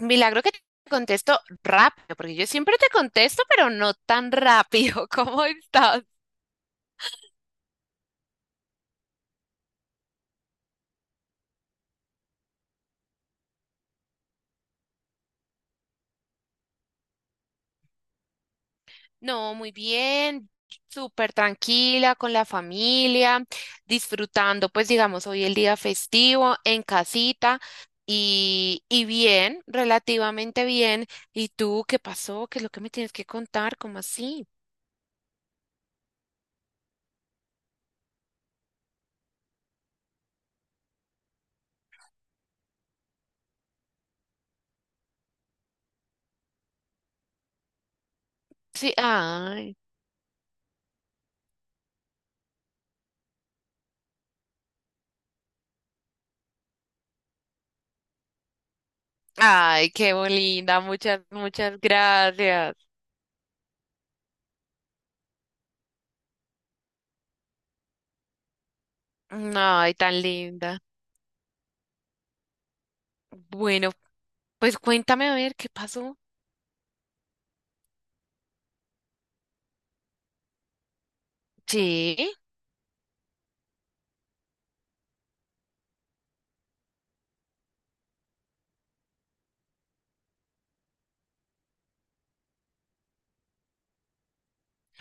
Milagro que te contesto rápido, porque yo siempre te contesto, pero no tan rápido. ¿Cómo estás? No, muy bien, súper tranquila con la familia, disfrutando, pues digamos, hoy el día festivo en casita y bien, relativamente bien. ¿Y tú qué pasó? ¿Qué es lo que me tienes que contar? ¿Cómo así? Sí, ay, ay, qué linda, muchas gracias. Ay, tan linda. Bueno, pues cuéntame a ver qué pasó. Sí.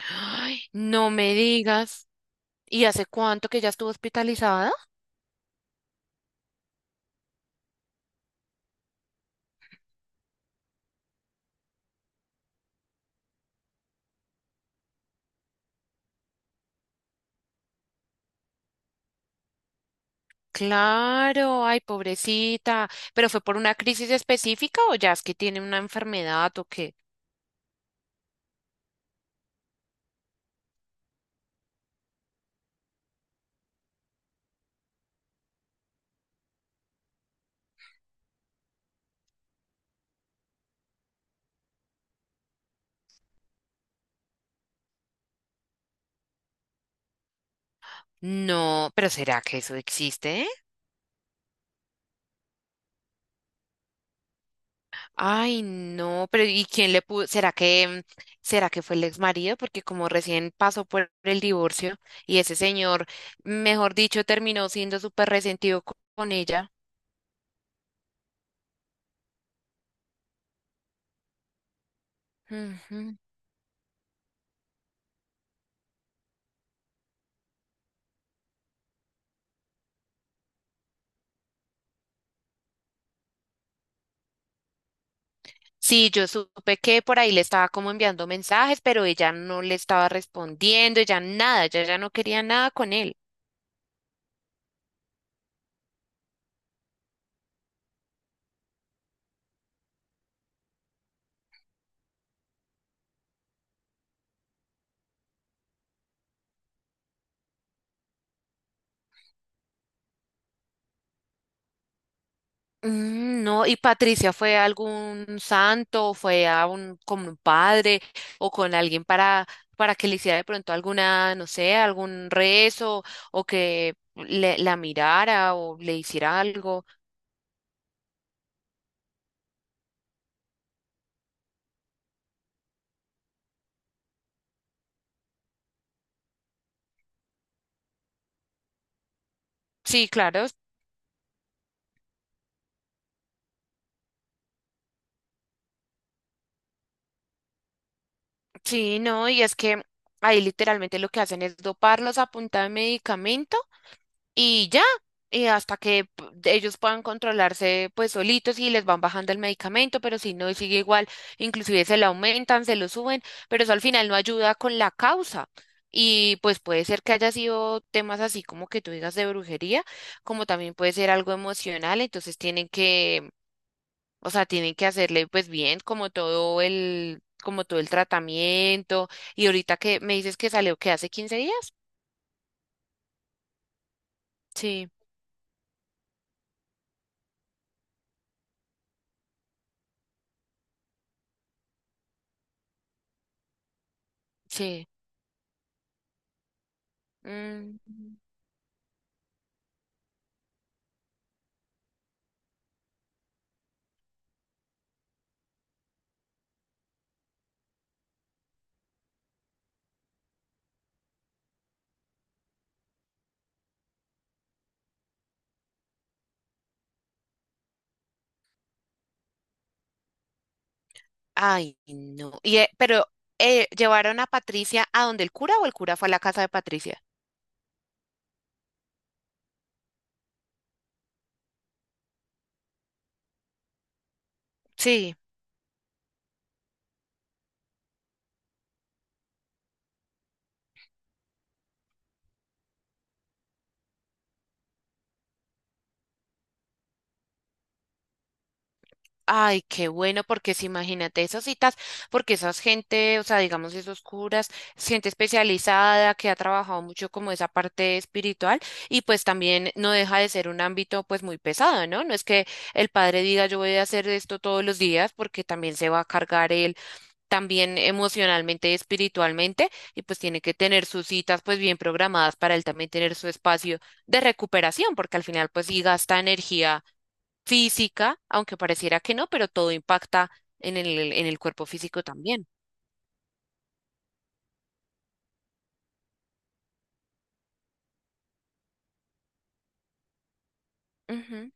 Ay, no me digas. ¿Y hace cuánto que ya estuvo hospitalizada? Claro, ay, pobrecita. ¿Pero fue por una crisis específica o ya es que tiene una enfermedad o qué? No, pero ¿será que eso existe? Ay, no, pero ¿y quién le pudo? ¿Será que será que fue el ex marido? Porque como recién pasó por el divorcio y ese señor, mejor dicho, terminó siendo súper resentido con ella. Ujú. Sí, yo supe que por ahí le estaba como enviando mensajes, pero ella no le estaba respondiendo, ella nada, ella ya no quería nada con él. Mm, no, y Patricia fue a algún santo, fue a un con un padre o con alguien para que le hiciera de pronto alguna, no sé, algún rezo o que le, la mirara o le hiciera algo. Sí, claro, sí, no, y es que ahí literalmente lo que hacen es doparlos a punta de medicamento. Y ya, y hasta que ellos puedan controlarse pues solitos y les van bajando el medicamento, pero si no, sigue igual, inclusive se lo aumentan, se lo suben, pero eso al final no ayuda con la causa. Y pues puede ser que haya sido temas así como que tú digas de brujería, como también puede ser algo emocional, entonces tienen que, o sea, tienen que hacerle pues bien como todo el tratamiento. Y ahorita que me dices que salió que hace 15 días. Sí, sí. Mm. Ay, no. Y, pero ¿llevaron a Patricia a donde el cura o el cura fue a la casa de Patricia? Sí. Ay, qué bueno, porque si imagínate esas citas, porque esas gente, o sea, digamos esos curas, es gente especializada que ha trabajado mucho como esa parte espiritual y pues también no deja de ser un ámbito pues muy pesado, ¿no? No es que el padre diga yo voy a hacer esto todos los días porque también se va a cargar él también emocionalmente y espiritualmente, y pues tiene que tener sus citas pues bien programadas para él también tener su espacio de recuperación, porque al final pues sí gasta energía física, aunque pareciera que no, pero todo impacta en el cuerpo físico también. Ujú.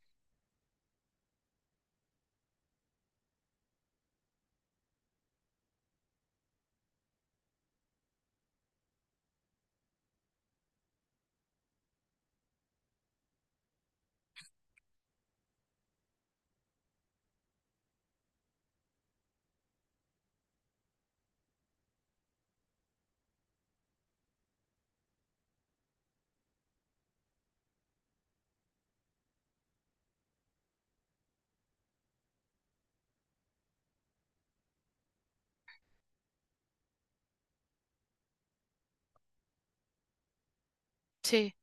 Sí.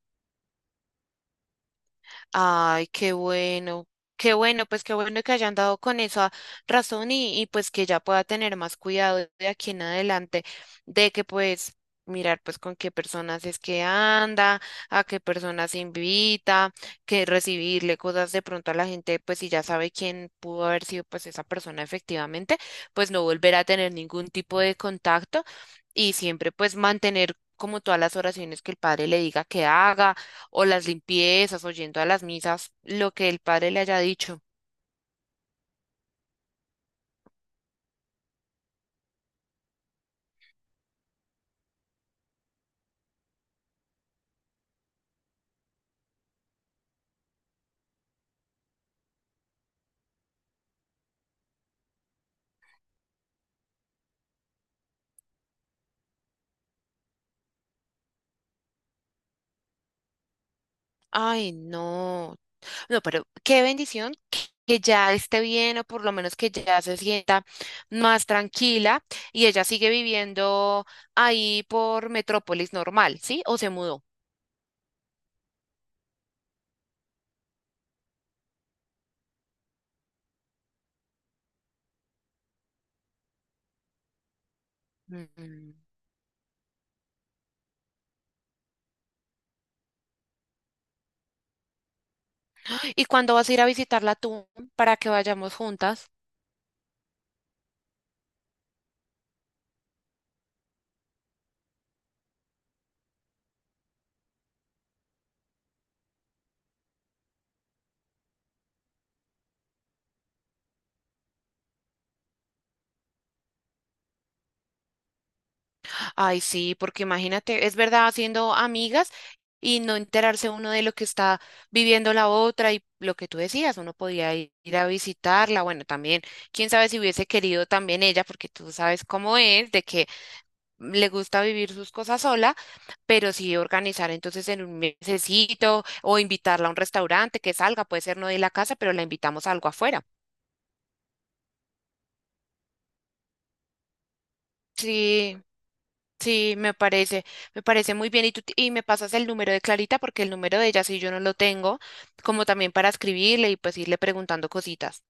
Ay, qué bueno, pues qué bueno que hayan dado con esa razón y pues que ya pueda tener más cuidado de aquí en adelante, de que pues mirar pues con qué personas es que anda, a qué personas invita, que recibirle cosas de pronto a la gente, pues si ya sabe quién pudo haber sido pues esa persona efectivamente, pues no volver a tener ningún tipo de contacto y siempre pues mantener como todas las oraciones que el padre le diga que haga o las limpiezas, o yendo a las misas, lo que el padre le haya dicho. Ay, no. No, pero qué bendición que ya esté bien o por lo menos que ya se sienta más tranquila y ella sigue viviendo ahí por Metrópolis normal, ¿sí? ¿O se mudó? Mm. ¿Y cuándo vas a ir a visitarla tú para que vayamos juntas? Ay, sí, porque imagínate, es verdad, haciendo amigas y no enterarse uno de lo que está viviendo la otra y lo que tú decías, uno podía ir a visitarla, bueno, también, quién sabe si hubiese querido también ella, porque tú sabes cómo es, de que le gusta vivir sus cosas sola, pero sí organizar entonces en un mesecito o invitarla a un restaurante que salga, puede ser no de la casa, pero la invitamos a algo afuera. Sí. Sí, me parece muy bien. Y tú, y me pasas el número de Clarita porque el número de ella sí yo no lo tengo, como también para escribirle y pues irle preguntando cositas.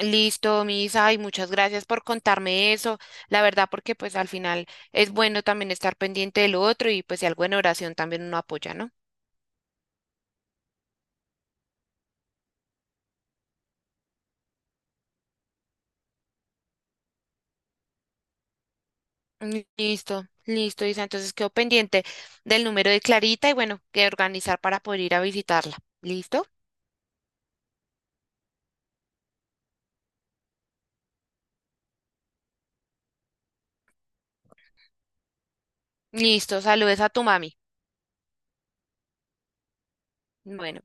Listo, Misa, y muchas gracias por contarme eso. La verdad, porque pues al final es bueno también estar pendiente de lo otro y pues si algo en oración también uno apoya, ¿no? Listo, listo, Isa. Entonces quedo pendiente del número de Clarita y bueno, que organizar para poder ir a visitarla. ¿Listo? Listo, saludes a tu mami. Bueno.